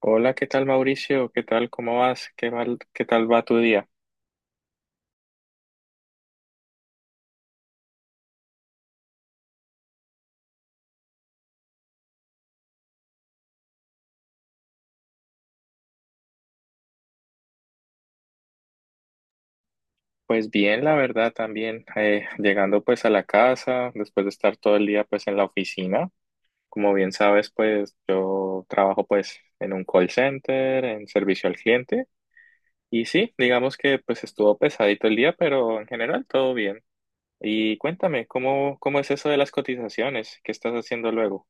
Hola, ¿qué tal Mauricio? ¿Qué tal? ¿Cómo vas? ¿Qué tal va tu día? Pues bien, la verdad también, llegando pues a la casa, después de estar todo el día pues en la oficina. Como bien sabes, pues yo trabajo pues en un call center, en servicio al cliente. Y sí, digamos que pues estuvo pesadito el día, pero en general todo bien. Y cuéntame, ¿cómo es eso de las cotizaciones? ¿Qué estás haciendo luego?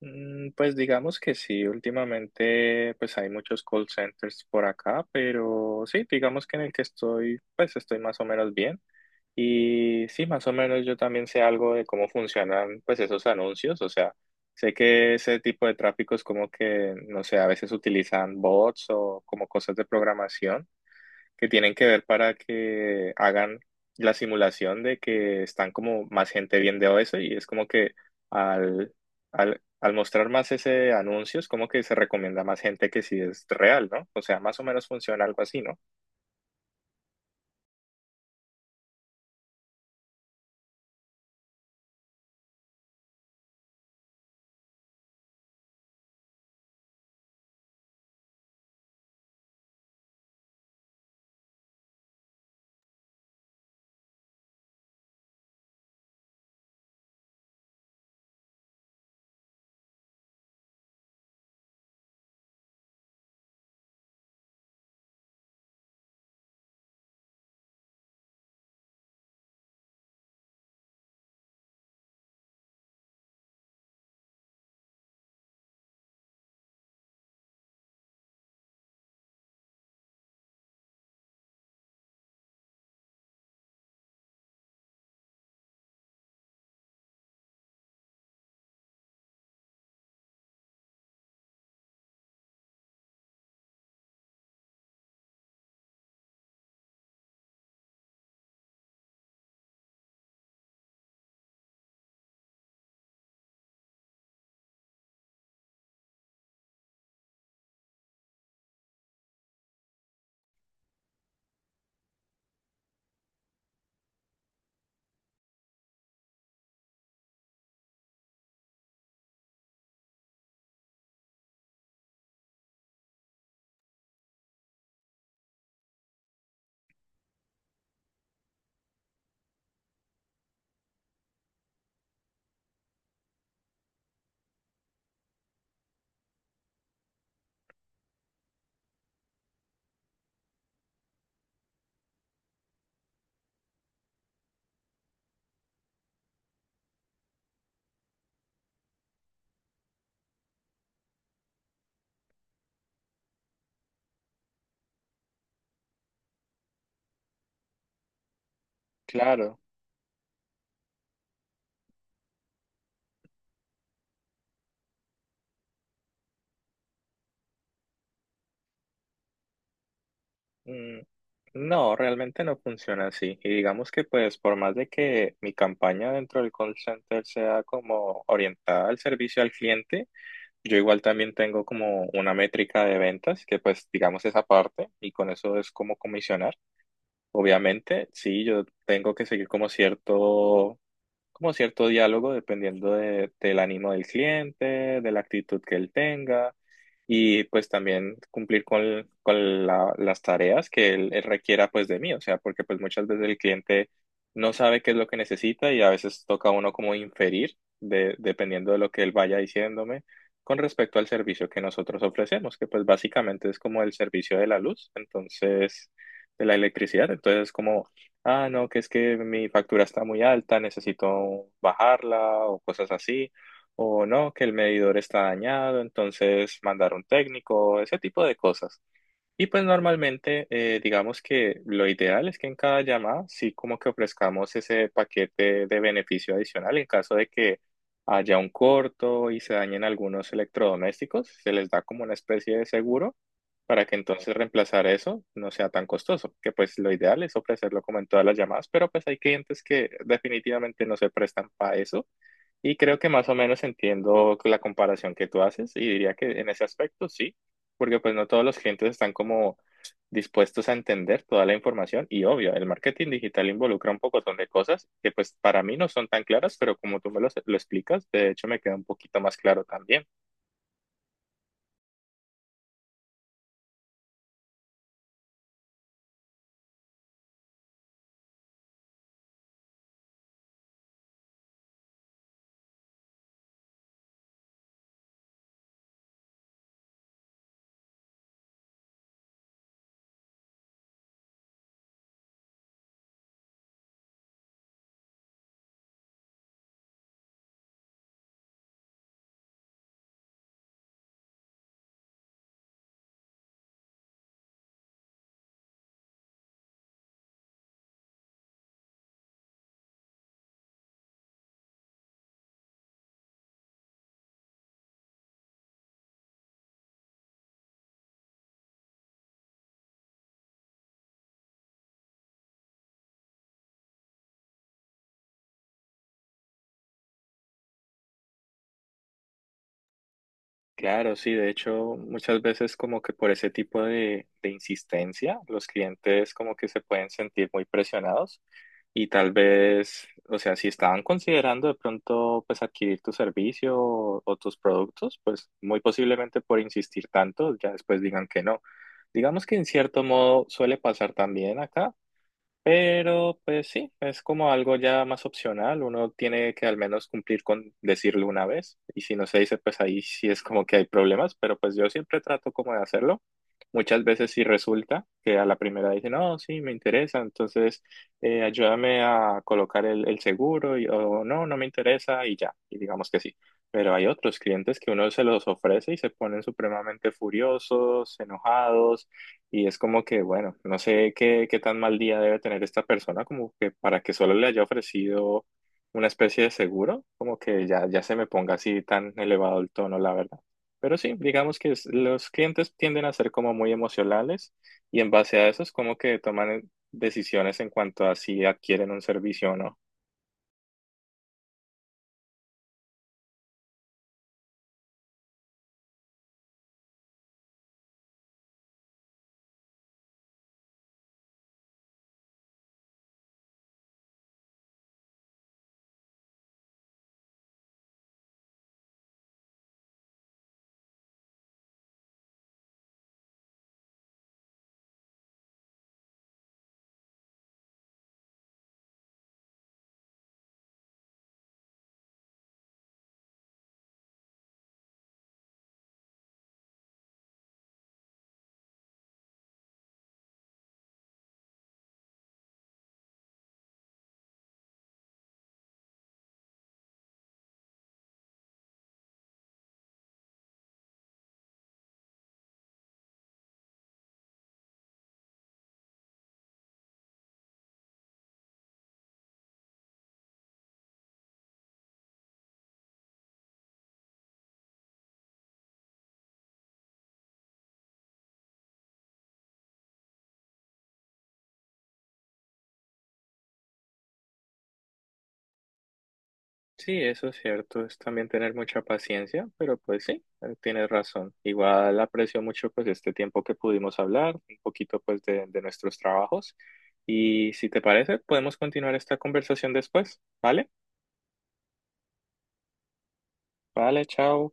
Mm, pues digamos que sí, últimamente pues hay muchos call centers por acá, pero sí, digamos que en el que estoy pues estoy más o menos bien y sí, más o menos yo también sé algo de cómo funcionan pues esos anuncios, o sea, sé que ese tipo de tráfico es como que, no sé, a veces utilizan bots o como cosas de programación que tienen que ver para que hagan la simulación de que están como más gente viendo eso y es como que al, al mostrar más ese anuncio es como que se recomienda a más gente que si es real, ¿no? O sea, más o menos funciona algo así, ¿no? Claro. Mm, no, realmente no funciona así. Y digamos que pues por más de que mi campaña dentro del call center sea como orientada al servicio al cliente, yo igual también tengo como una métrica de ventas, que pues digamos esa parte, y con eso es como comisionar. Obviamente, sí, yo tengo que seguir como cierto diálogo dependiendo del ánimo del cliente, de la actitud que él tenga y pues también cumplir con las tareas que él requiera pues de mí, o sea, porque pues muchas veces el cliente no sabe qué es lo que necesita y a veces toca a uno como inferir dependiendo de lo que él vaya diciéndome con respecto al servicio que nosotros ofrecemos, que pues básicamente es como el servicio de la luz, entonces, de la electricidad, entonces como ah, no, que es que mi factura está muy alta, necesito bajarla o cosas así, o no, que el medidor está dañado, entonces mandar un técnico, ese tipo de cosas. Y pues normalmente, digamos que lo ideal es que en cada llamada sí como que ofrezcamos ese paquete de beneficio adicional en caso de que haya un corto y se dañen algunos electrodomésticos, se les da como una especie de seguro para que entonces reemplazar eso no sea tan costoso, que pues lo ideal es ofrecerlo como en todas las llamadas, pero pues hay clientes que definitivamente no se prestan para eso. Y creo que más o menos entiendo la comparación que tú haces y diría que en ese aspecto sí porque pues no todos los clientes están como dispuestos a entender toda la información y obvio, el marketing digital involucra un pocotón de cosas que pues para mí no son tan claras, pero como tú me lo explicas, de hecho me queda un poquito más claro también. Claro, sí, de hecho, muchas veces como que por ese tipo de insistencia, los clientes como que se pueden sentir muy presionados y tal vez, o sea, si estaban considerando de pronto pues adquirir tu servicio o tus productos, pues muy posiblemente por insistir tanto, ya después digan que no. Digamos que en cierto modo suele pasar también acá. Pero pues sí, es como algo ya más opcional, uno tiene que al menos cumplir con decirlo una vez y si no se dice pues ahí sí es como que hay problemas, pero pues yo siempre trato como de hacerlo. Muchas veces sí resulta que a la primera dicen, no, sí, me interesa, entonces ayúdame a colocar el seguro y, o no, no me interesa y ya, y digamos que sí. Pero hay otros clientes que uno se los ofrece y se ponen supremamente furiosos, enojados y es como que, bueno, no sé qué tan mal día debe tener esta persona, como que para que solo le haya ofrecido una especie de seguro, como que ya, ya se me ponga así tan elevado el tono, la verdad. Pero sí, digamos que los clientes tienden a ser como muy emocionales y en base a eso es como que toman decisiones en cuanto a si adquieren un servicio o no. Sí, eso es cierto, es también tener mucha paciencia, pero pues sí, tienes razón. Igual aprecio mucho pues este tiempo que pudimos hablar, un poquito pues de nuestros trabajos y si te parece, podemos continuar esta conversación después, ¿vale? Vale, chao.